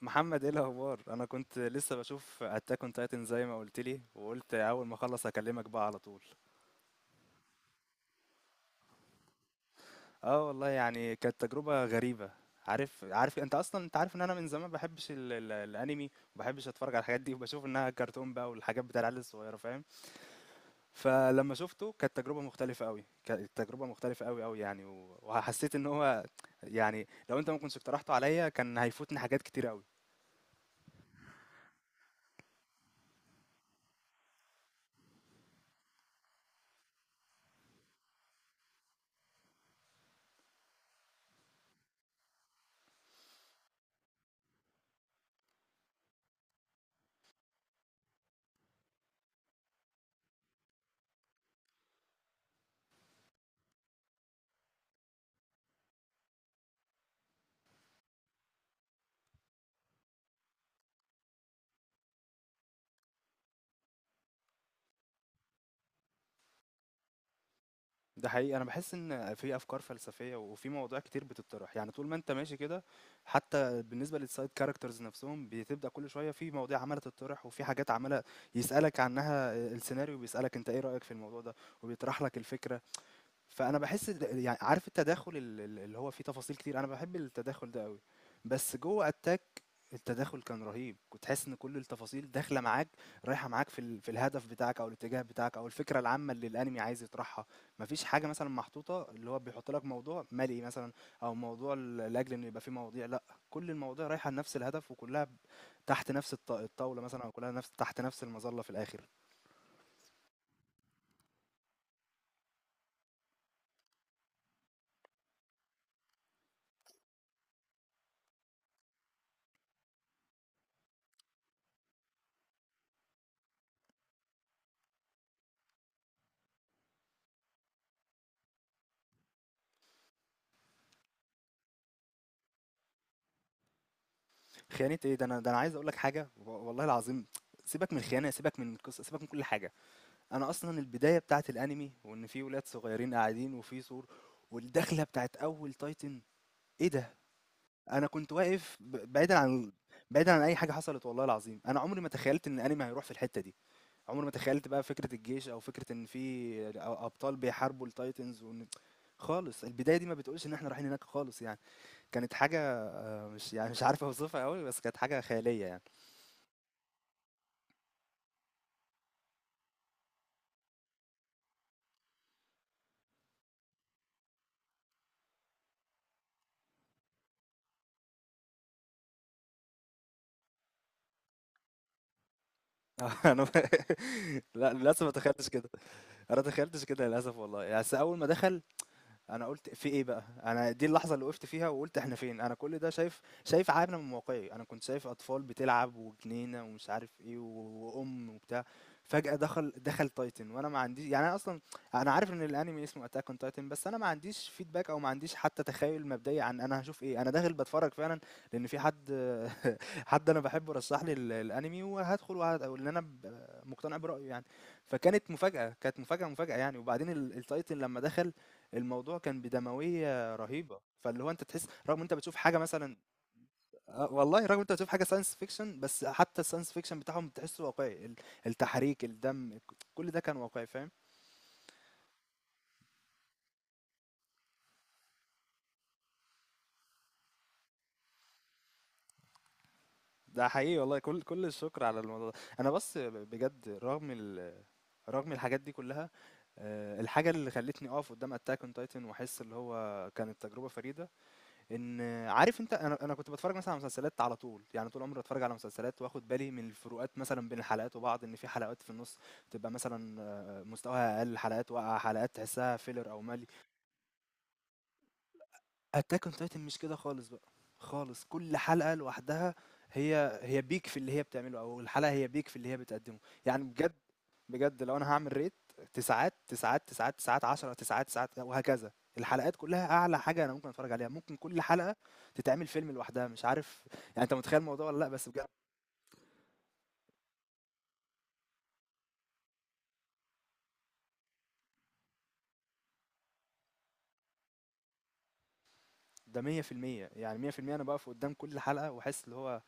محمد، ايه الاخبار؟ انا كنت لسه بشوف اتاك اون تايتن زي ما قلت لي، وقلت اول ما اخلص اكلمك بقى على طول. اه والله، يعني كانت تجربه غريبه. عارف، عارف انت اصلا، انت عارف ان انا من زمان ما بحبش ال ال الانمي، وما بحبش اتفرج على الحاجات دي، وبشوف انها كرتون بقى والحاجات بتاع العيال الصغيره، فاهم. فلما شفته كانت تجربه مختلفه قوي، كانت تجربه مختلفه قوي قوي يعني، وحسيت ان هو، يعني لو انت ما كنتش اقترحته عليا كان هيفوتني حاجات كتير قوي. ده حقيقي، انا بحس ان في افكار فلسفيه وفي مواضيع كتير بتطرح، يعني طول ما انت ماشي كده. حتى بالنسبه للسايد كاركترز نفسهم بتبدا كل شويه في مواضيع عماله تطرح، وفي حاجات عماله يسالك عنها. السيناريو بيسالك انت ايه رايك في الموضوع ده، وبيطرح لك الفكره. فانا بحس، يعني عارف التداخل، اللي هو فيه تفاصيل كتير، انا بحب التداخل ده قوي. بس جوه اتاك التداخل كان رهيب، كنت حاسس ان كل التفاصيل داخله معاك، رايحه معاك في الهدف بتاعك او الاتجاه بتاعك او الفكره العامه اللي الانمي عايز يطرحها. مفيش حاجه مثلا محطوطه، اللي هو بيحط لك موضوع مالي مثلا، او موضوع لاجل انه يبقى فيه مواضيع، لا، كل المواضيع رايحه لنفس الهدف، وكلها تحت نفس الطاوله مثلا، او كلها نفس، تحت نفس المظله في الاخر. خيانة ايه ده! انا ده، انا عايز اقول لك حاجة، والله العظيم، سيبك من الخيانة، سيبك من القصة، سيبك من كل حاجة. انا اصلا البداية بتاعت الانمي، وان في ولاد صغيرين قاعدين وفي سور، والدخلة بتاعت اول تايتن، ايه ده! انا كنت واقف بعيدا عن، بعيدا عن اي حاجة حصلت. والله العظيم انا عمري ما تخيلت ان الانمي هيروح في الحتة دي. عمري ما تخيلت بقى فكرة الجيش، او فكرة ان في ابطال بيحاربوا التايتنز، وان خالص البداية دي ما بتقولش ان احنا رايحين هناك خالص يعني. كانت حاجة، مش يعني مش عارف اوصفها قوي، بس كانت حاجة خيالية يعني. آه، أنا لأ، للأسف ما تخيّلتش كده، أنا ما تخيّلتش كده للأسف والله. يعني بس أول ما دخل أنا قُلت في إيه بقى؟ أنا دي اللحظة اللي وقفت فيها وقُلت إحنا فين؟ أنا كل ده شايف، عارة من واقعي. أنا كنت شايف أطفال بتلعب وجنينة ومش عارف إيه، وأُم وبتاع، فجأة دخل Titan، وأنا ما عنديش يعني، أنا أصلًا أنا عارف إن الأنمي اسمه Attack on Titan، بس أنا ما عنديش feedback، أو ما عنديش حتى تخيُّل مبدئي عن أنا هاشوف إيه. أنا داخل باتفرّج فعلًا، لإن في حد حد أنا باحبه رشّح لي الأنمي، وهادخل وهاد، أو إن أنا مقتنع برأيه يعني. فكانت مفاجأة، كانت مفاجأة، مفاجأة يعني. وبعدين الTitan لمّا دخل، الموضوع كان بدموية رهيبة، فاللي هو انت تحس رغم انت بتشوف حاجة مثلا، آه، والله رغم انت بتشوف حاجة ساينس فيكشن، بس حتى الساينس فيكشن بتاعهم بتحسه واقعي. التحريك، الدم، كل ده كان واقعي، فاهم. ده حقيقي والله، كل الشكر على الموضوع ده. انا بس بجد رغم الحاجات دي كلها، آه، الحاجة اللي خلتني اقف قدام اتاك اون تايتن واحس اللي هو كانت تجربة فريدة، إن، عارف أنت، أنا كنت باتفرّج مثلًا على مسلسلات على طول، يعني طول عمري باتفرّج على مسلسلات، وآخُد بالي من الفروقات مثلًا بين الحلقات وبعض، إن في حلقات في النُص تبقى مثلًا آه، مستواها أقل، حلقات واقعة، حلقات تحسّها filler أو مَلْي. Attack on Titan مش كده خالص بقى، خالص، كل حلقة لوحدها هي peak في اللي هي بتعمله، أو الحلقة هي peak في اللي هي بتقدّمه. يعني بجد، بجد لو انا هعمل ريت، تسعات تسعات تسعات تسعات 10 تسعات تسعات وهكذا. الحلقات كلها اعلى حاجه انا ممكن اتفرج عليها، ممكن كل حلقه تتعمل فيلم لوحدها. مش عارف يعني انت متخيل الموضوع ولا لا، بس بجد ده 100%. يعني 100% انا بقف قدام كل حلقه واحس اللي هو،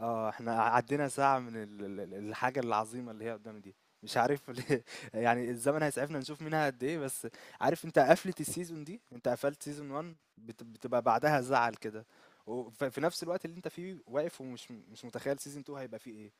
آه، إحنا عدّينا ساعة من ال ال ال الحاجة العظيمة اللي هي قدّامي دي. مش عارف ليه، يعني الزمن هيسعفنا نشوف منها قد إيه. بس عارف أنت قفلة السيزون دي، أنت قفلت سيزون 1 بتبقى بعدها زعل كده، في نفس الوقت اللي أنت فيه واقف مش متخيّل سيزون 2 هيبقى فيه إيه.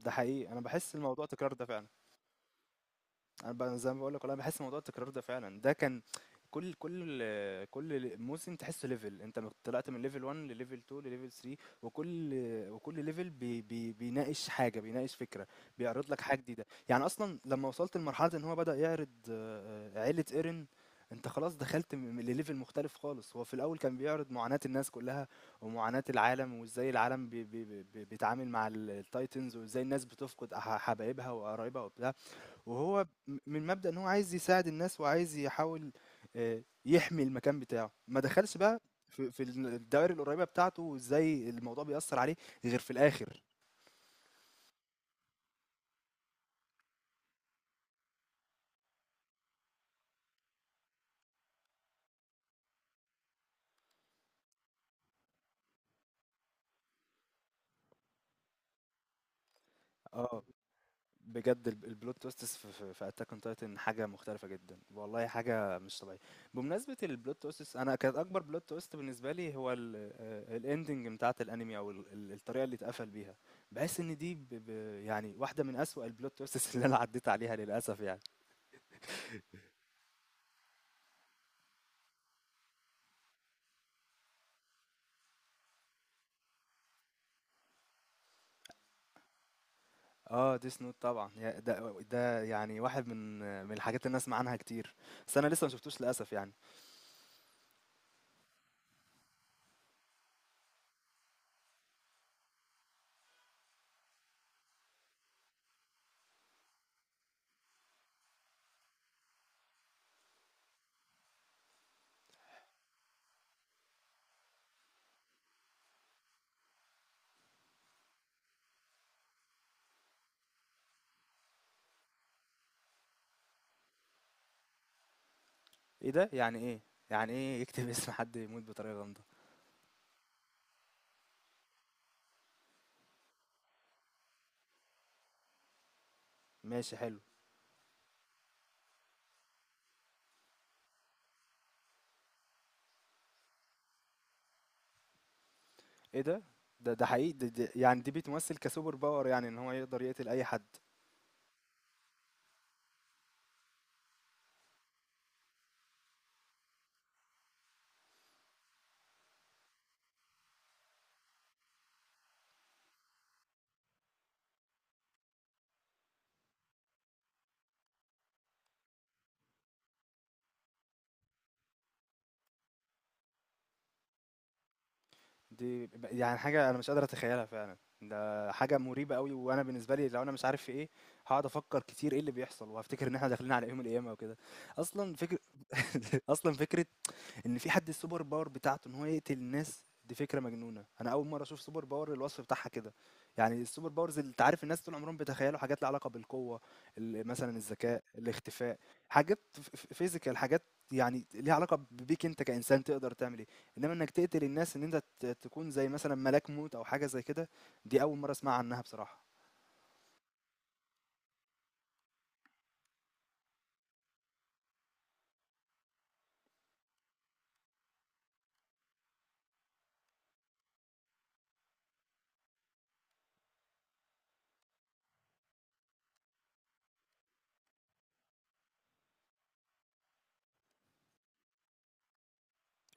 ده حقيقي، أنا باحس الموضوع تكرار ده فعلًا. انا زي ما بقول لك انا بحس موضوع التكرار ده فعلا. ده كان كل كل كل موسم تحسه ليفل، انت طلعت من ليفل 1 لليفل 2 لليفل 3، وكل ليفل بي بيناقش حاجه، بيناقش فكره، بيعرض لك حاجه جديده. يعني اصلا لما وصلت لمرحله ان هو بدأ يعرض آه، آه، عيله ايرن، انت خلاص دخلت لليفل مختلف خالص. هو في الاول كان بيعرض معاناة الناس كلها ومعاناة العالم، وازاي العالم بيتعامل مع التايتنز، وازاي الناس بتفقد حبايبها وقرايبها وبتاع، وهو من مبدأ إن هو عايز يساعد الناس، وعايز يحاول آه، يحمي المكان بتاعه، ما دخلش بقى في الدوائر القريبة بتاعته، وازاي الموضوع بيأثر عليه غير في الآخر. اه بجد البلوت تويستس في اتاك اون تايتن حاجة مختلفة جدا، والله حاجة مش طبيعية. بمناسبة البلوت تويستس، انا كانت اكبر بلوت تويست بالنسبة لي هو الاندنج بتاعت الانمي، او الطريقة اللي اتقفل بيها. بحس ان دي ب ب يعني واحدة من أسوأ البلوت تويستس اللي انا عديت عليها للأسف يعني. آه Death Note طبعًا، يا ده يعني واحد من، من الحاجات اللي أنا أسمع عنها كتير، بس أنا لسه ما شفتوش للأسف يعني. إيه ده! يعني إيه! يعني إيه يكتب اسم حد يموت بطريقة غامضة؟ ماشي حلو. إيه ده! ده، ده حقيقي د د يعني دي بتمثل كsuper power، يعني إن هو يقدر يقتل أي حد. دي يعني حاجة أنا مش قادر أتخيلها فعلًا، ده حاجة مريبة أوي. وأنا بالنسبة لي لو أنا مش عارف في إيه، هاقعد أفكر كتير إيه اللي بيحصل، وهافتكر إن إحنا داخلين على يوم القيامة وكده. أصلًا فكر أصلًا فكرة ان في حد السوبر باور بتاعته ان هو يقتل الناس، دي فكره مجنونه. انا اول مره اشوف سوبر باور الوصف بتاعها كده. يعني السوبر باورز، اللي انت عارف الناس طول عمرهم بيتخيلوا حاجات لها علاقه بالقوه، مثلا الذكاء، الاختفاء، حاجات فيزيكال، حاجات يعني ليها علاقه بيك انت كانسان تقدر تعمل ايه. انما انك تقتل الناس، ان انت تكون زي مثلا ملاك موت او حاجه زي كده، دي اول مره اسمع عنها بصراحه.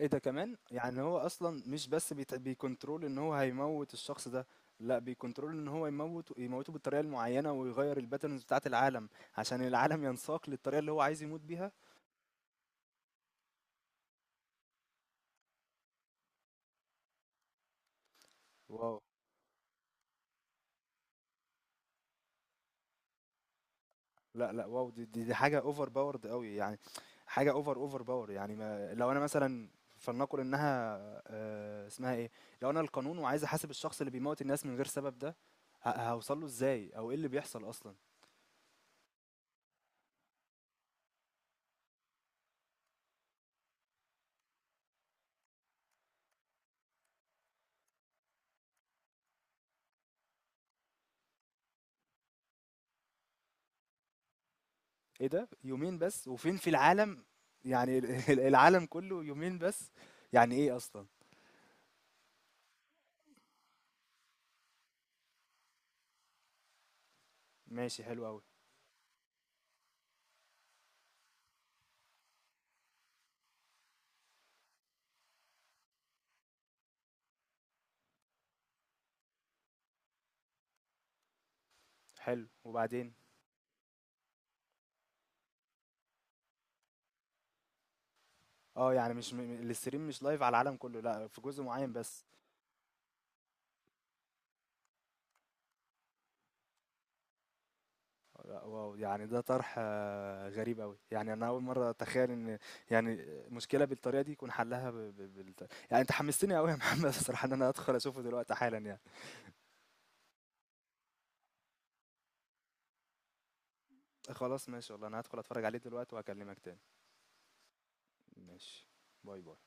ايه ده كمان! يعني هو اصلا مش بس بيكنترول ان هو هيموت الشخص ده، لا بيكنترول ان هو يموت، يموته بالطريقه المعينه، ويغير الباترنز بتاعه العالم، عشان العالم ينساق للطريقه اللي هو عايز يموت بيها. واو، لا لا واو، دي حاجه اوفر باورد قوي يعني، حاجه اوفر، اوفر باور يعني. ما لو انا مثلا، فلنقل انها آه، اسمها ايه، لو انا القانون وعايز احاسب الشخص اللي بيموت الناس من غير سبب ده، هوصل له ازاي، او ايه اللي بيحصل اصلا؟ إيه ده؟ يومين بس وفين في العالم؟ يعني العالم كله يومين بس! يعني ايه اصلا؟ ماشي حلو قوي. حلو، وبعدين؟ اه يعني مش الاستريم مش لايف على العالم كله، لا في جزء معين بس. لا واو، يعني ده طرح آه، غريب قوي. يعني انا اول مره اتخيل ان، يعني مشكله بالطريقه دي يكون حلها يعني انت حمستني قوي يا محمد الصراحه ان انا ادخل اشوفه دلوقتي حالا يعني. خلاص ماشي والله، انا هدخل اتفرج عليه دلوقتي، وهكلمك تاني. ماشي. باي باي.